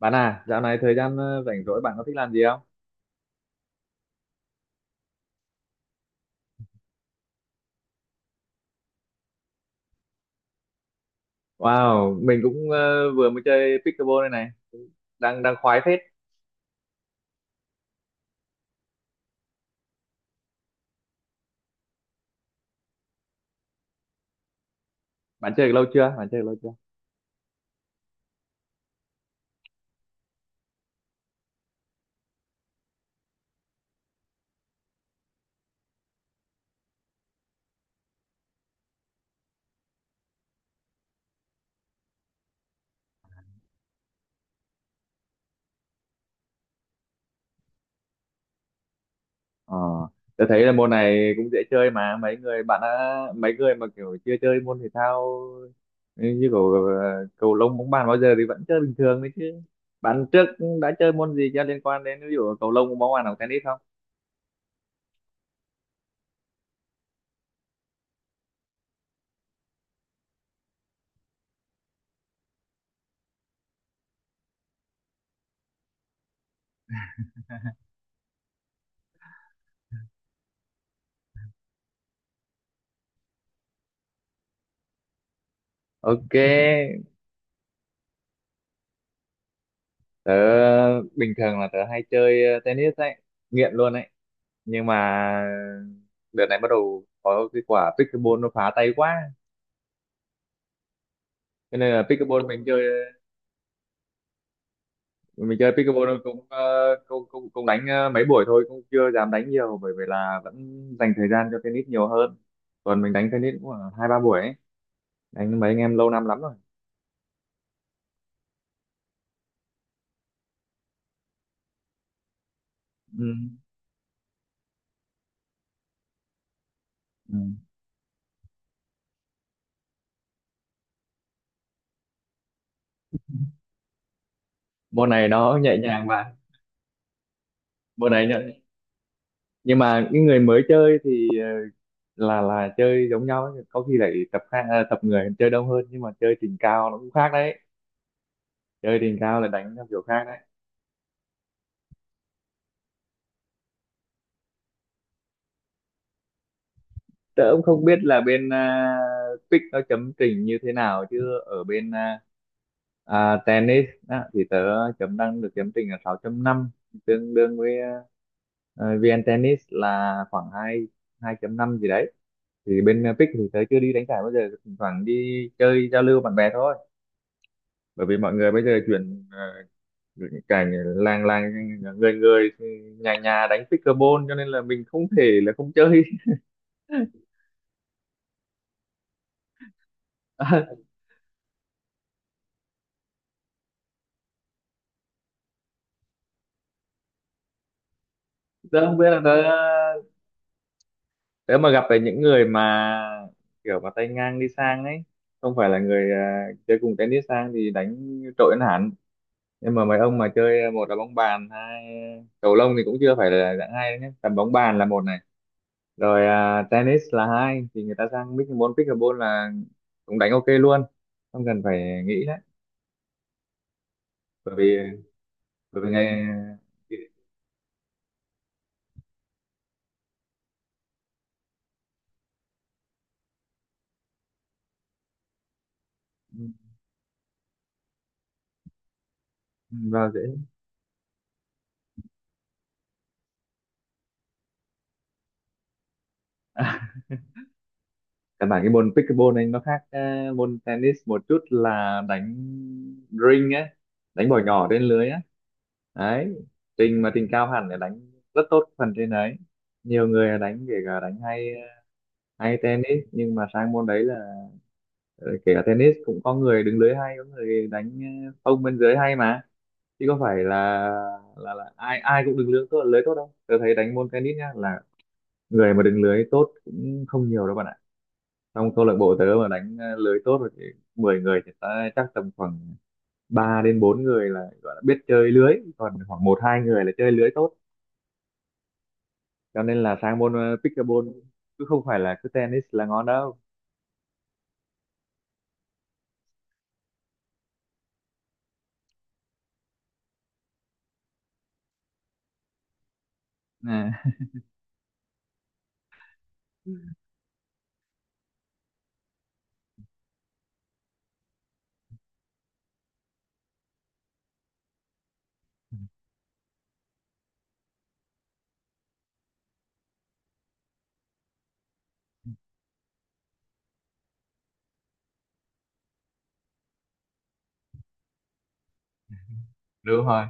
Bạn à, dạo này thời gian rảnh rỗi bạn có thích làm gì không? Wow, mình cũng vừa mới chơi pickleball đây này, đang đang khoái phết. Bạn chơi lâu chưa? Ờ, tôi thấy là môn này cũng dễ chơi mà mấy người mà kiểu chưa chơi môn thể thao như kiểu cầu lông, bóng bàn bao giờ thì vẫn chơi bình thường đấy chứ. Bạn trước đã chơi môn gì cho liên quan đến ví dụ cầu lông, bóng bàn hoặc tennis không? Ok, tớ bình thường là tớ hay chơi tennis đấy, nghiện luôn đấy. Nhưng mà đợt này bắt đầu có cái quả pickleball nó phá tay quá, cho nên là pickleball mình chơi pickleball cũng đánh mấy buổi thôi, cũng chưa dám đánh nhiều bởi vì là vẫn dành thời gian cho tennis nhiều hơn. Còn mình đánh tennis cũng khoảng hai ba buổi ấy, đánh với mấy anh em lâu năm lắm rồi. Ừ. Ừ. Môn này nó nhẹ nhàng mà. Môn này nhẹ. Nhưng mà những người mới chơi thì là chơi giống nhau ấy. Có khi lại tập khác, tập người chơi đông hơn, nhưng mà chơi trình cao nó cũng khác đấy. Chơi đỉnh cao là đánh theo kiểu khác đấy. Tớ cũng không biết là bên pick nó chấm trình như thế nào, chứ ở bên tennis á, thì tớ đang được chấm trình là 6.5, tương đương với VN Tennis là khoảng hai hai chấm năm gì đấy. Thì bên pick thì tớ chưa đi đánh giải bao giờ, thỉnh thoảng đi chơi giao lưu bạn bè thôi, bởi vì mọi người bây giờ chuyển cảnh làng làng, người người, nhà nhà đánh pickleball, cho nên là mình không thể là không chơi. Tớ không biết là tớ tớ mà gặp phải những người mà kiểu mà tay ngang đi sang ấy, không phải là người chơi cùng tennis sang thì đánh trội hơn hẳn. Nhưng mà mấy ông mà chơi một là bóng bàn, hai cầu lông thì cũng chưa phải là dạng hai đấy nhé, tầm bóng bàn là một này, rồi tennis là hai, thì người ta sang pickleball pickleball là cũng đánh ok luôn, không cần phải nghĩ đấy, bởi vì bởi vì ngày vào dễ. Căn bản cái môn pickleball anh nó khác môn tennis một chút là đánh ring á, đánh bỏ nhỏ trên lưới á đấy. Trình mà trình cao hẳn để đánh rất tốt phần trên đấy. Nhiều người là đánh kể cả đánh hay, hay tennis, nhưng mà sang môn đấy là kể cả tennis cũng có người đứng lưới hay, có người đánh phông bên dưới hay mà, chứ có phải là ai ai cũng đứng lưới tốt đâu. Tôi thấy đánh môn tennis nhá, là người mà đứng lưới tốt cũng không nhiều đâu bạn ạ. Trong câu lạc bộ tớ mà đánh lưới tốt rồi thì 10 người thì ta chắc tầm khoảng 3 đến 4 người là gọi là biết chơi lưới, còn khoảng một hai người là chơi lưới tốt. Cho nên là sang môn pickleball, cứ không phải là cứ tennis là ngon đâu. à, Đúng rồi.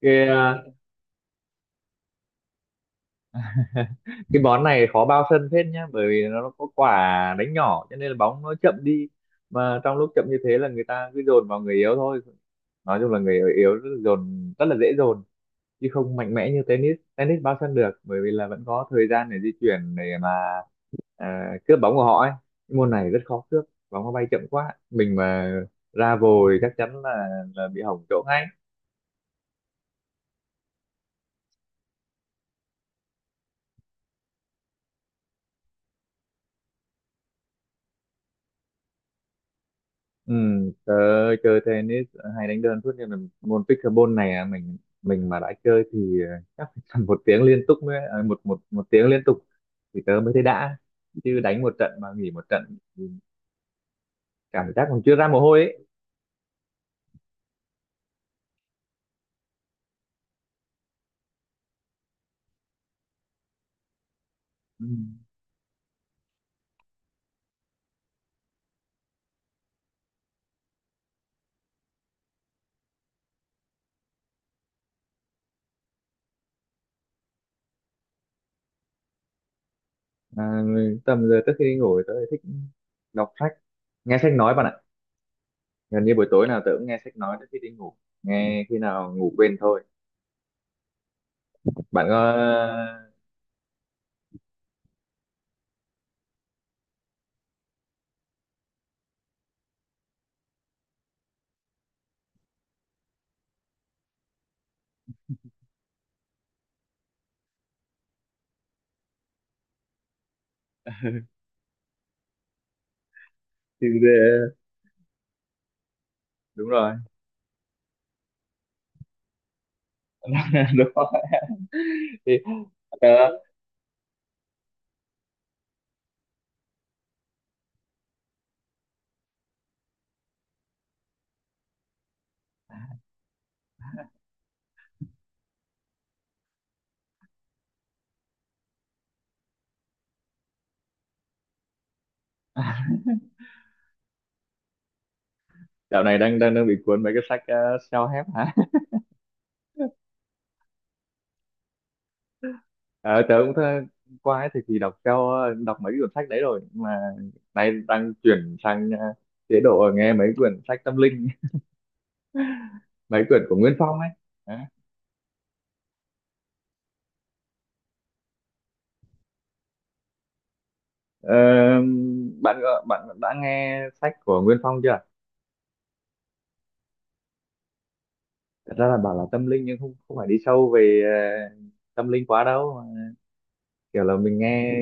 Cái cái bón này khó bao sân phết nhá, bởi vì nó có quả đánh nhỏ, cho nên là bóng nó chậm đi, mà trong lúc chậm như thế là người ta cứ dồn vào người yếu thôi. Nói chung là người yếu dồn rất là dễ dồn, chứ không mạnh mẽ như tennis. Tennis bao sân được bởi vì là vẫn có thời gian để di chuyển để mà cướp bóng của họ ấy. Cái môn này rất khó cướp bóng, nó bay chậm quá, mình mà ra vồi chắc chắn là bị hỏng chỗ ngay. Ừ, tớ chơi tennis hay đánh đơn suốt, nhưng mà môn pickleball này mình mà đã chơi thì chắc phải tầm một tiếng liên tục mới à, một một một tiếng liên tục thì tớ mới thấy đã, chứ đánh một trận mà nghỉ một trận thì cảm giác còn chưa ra mồ hôi ấy. Ừ. À, tầm giờ trước khi đi ngủ thì tớ thích đọc sách, nghe sách nói bạn ạ. Gần như buổi tối nào tớ cũng nghe sách nói trước khi đi ngủ. Nghe khi nào ngủ quên thôi. Bạn có. thì- Đúng rồi, đúng rồi. Thì, tớ dạo này đang đang đang bị cuốn mấy cái sách self-help hả? Ờ, tớ cũng qua ấy thì đọc mấy cái cuốn sách đấy rồi, nhưng mà nay đang chuyển sang chế độ nghe mấy quyển sách tâm linh. Mấy quyển của Nguyên Phong ấy. Ờ, bạn đã nghe sách của Nguyên Phong chưa? Thật ra là bảo là tâm linh nhưng không không phải đi sâu về ờ, tâm linh quá đâu. Kiểu là mình nghe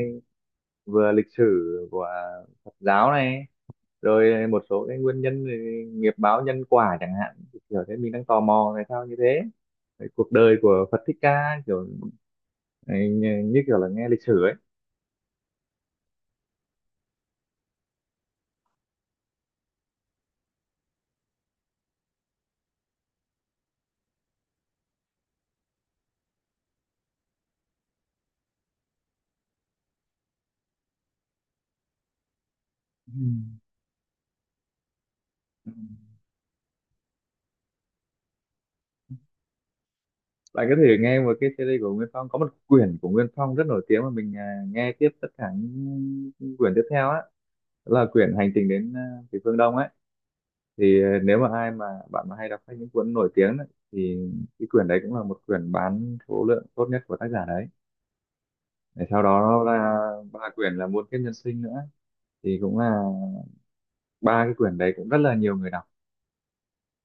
vừa lịch sử của Phật giáo này, rồi một số cái nguyên nhân về nghiệp báo nhân quả chẳng hạn. Kiểu thế mình đang tò mò tại sao như thế. Cái cuộc đời của Phật Thích Ca kiểu ấy, như như kiểu là nghe lịch sử ấy. Ừ. Bạn có thể nghe một cái series của Nguyên Phong, có một quyển của Nguyên Phong rất nổi tiếng mà mình nghe tiếp tất cả những quyển tiếp theo á, là quyển Hành trình đến Thủy Phương Đông ấy, thì nếu mà ai mà bạn mà hay đọc sách những cuốn nổi tiếng ấy, thì cái quyển đấy cũng là một quyển bán số lượng tốt nhất của tác giả đấy. Để sau đó là ba quyển là Muôn Kiếp Nhân Sinh nữa, thì cũng là ba cái quyển đấy cũng rất là nhiều người đọc.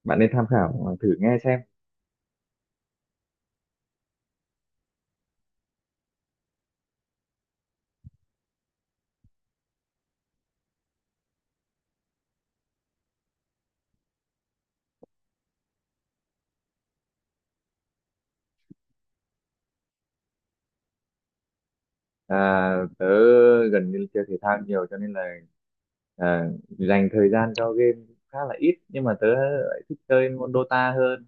Bạn nên tham khảo, thử nghe xem. Tớ gần như chơi thể thao nhiều, cho nên là dành thời gian cho game khá là ít, nhưng mà tớ lại thích chơi môn Dota hơn.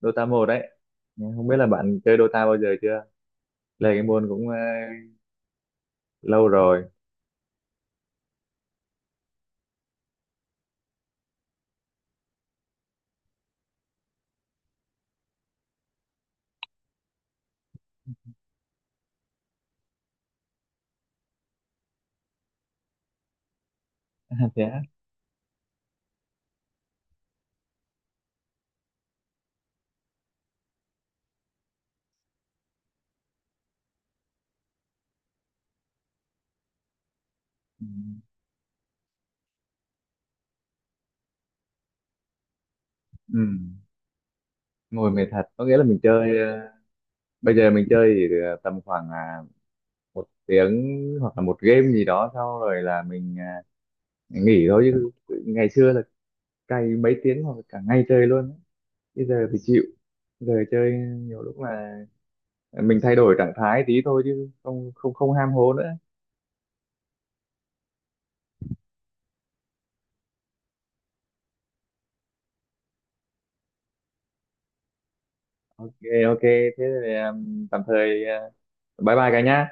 Dota một đấy. Nhưng không biết là bạn chơi Dota bao giờ chưa. Chơi cái môn cũng lâu rồi. Thế á? Ừ. Ừ. Ngồi mệt thật, có nghĩa là bây giờ mình chơi thì tầm khoảng một tiếng hoặc là một game gì đó, sau rồi là mình nghỉ thôi, chứ ngày xưa là cày mấy tiếng hoặc là cả ngày chơi luôn ấy. Bây giờ thì chịu. Giờ chơi nhiều lúc là mình thay đổi trạng thái tí thôi, chứ không không không ham hố nữa. Ok, ok thế thì tạm thời bye bye cả nhá.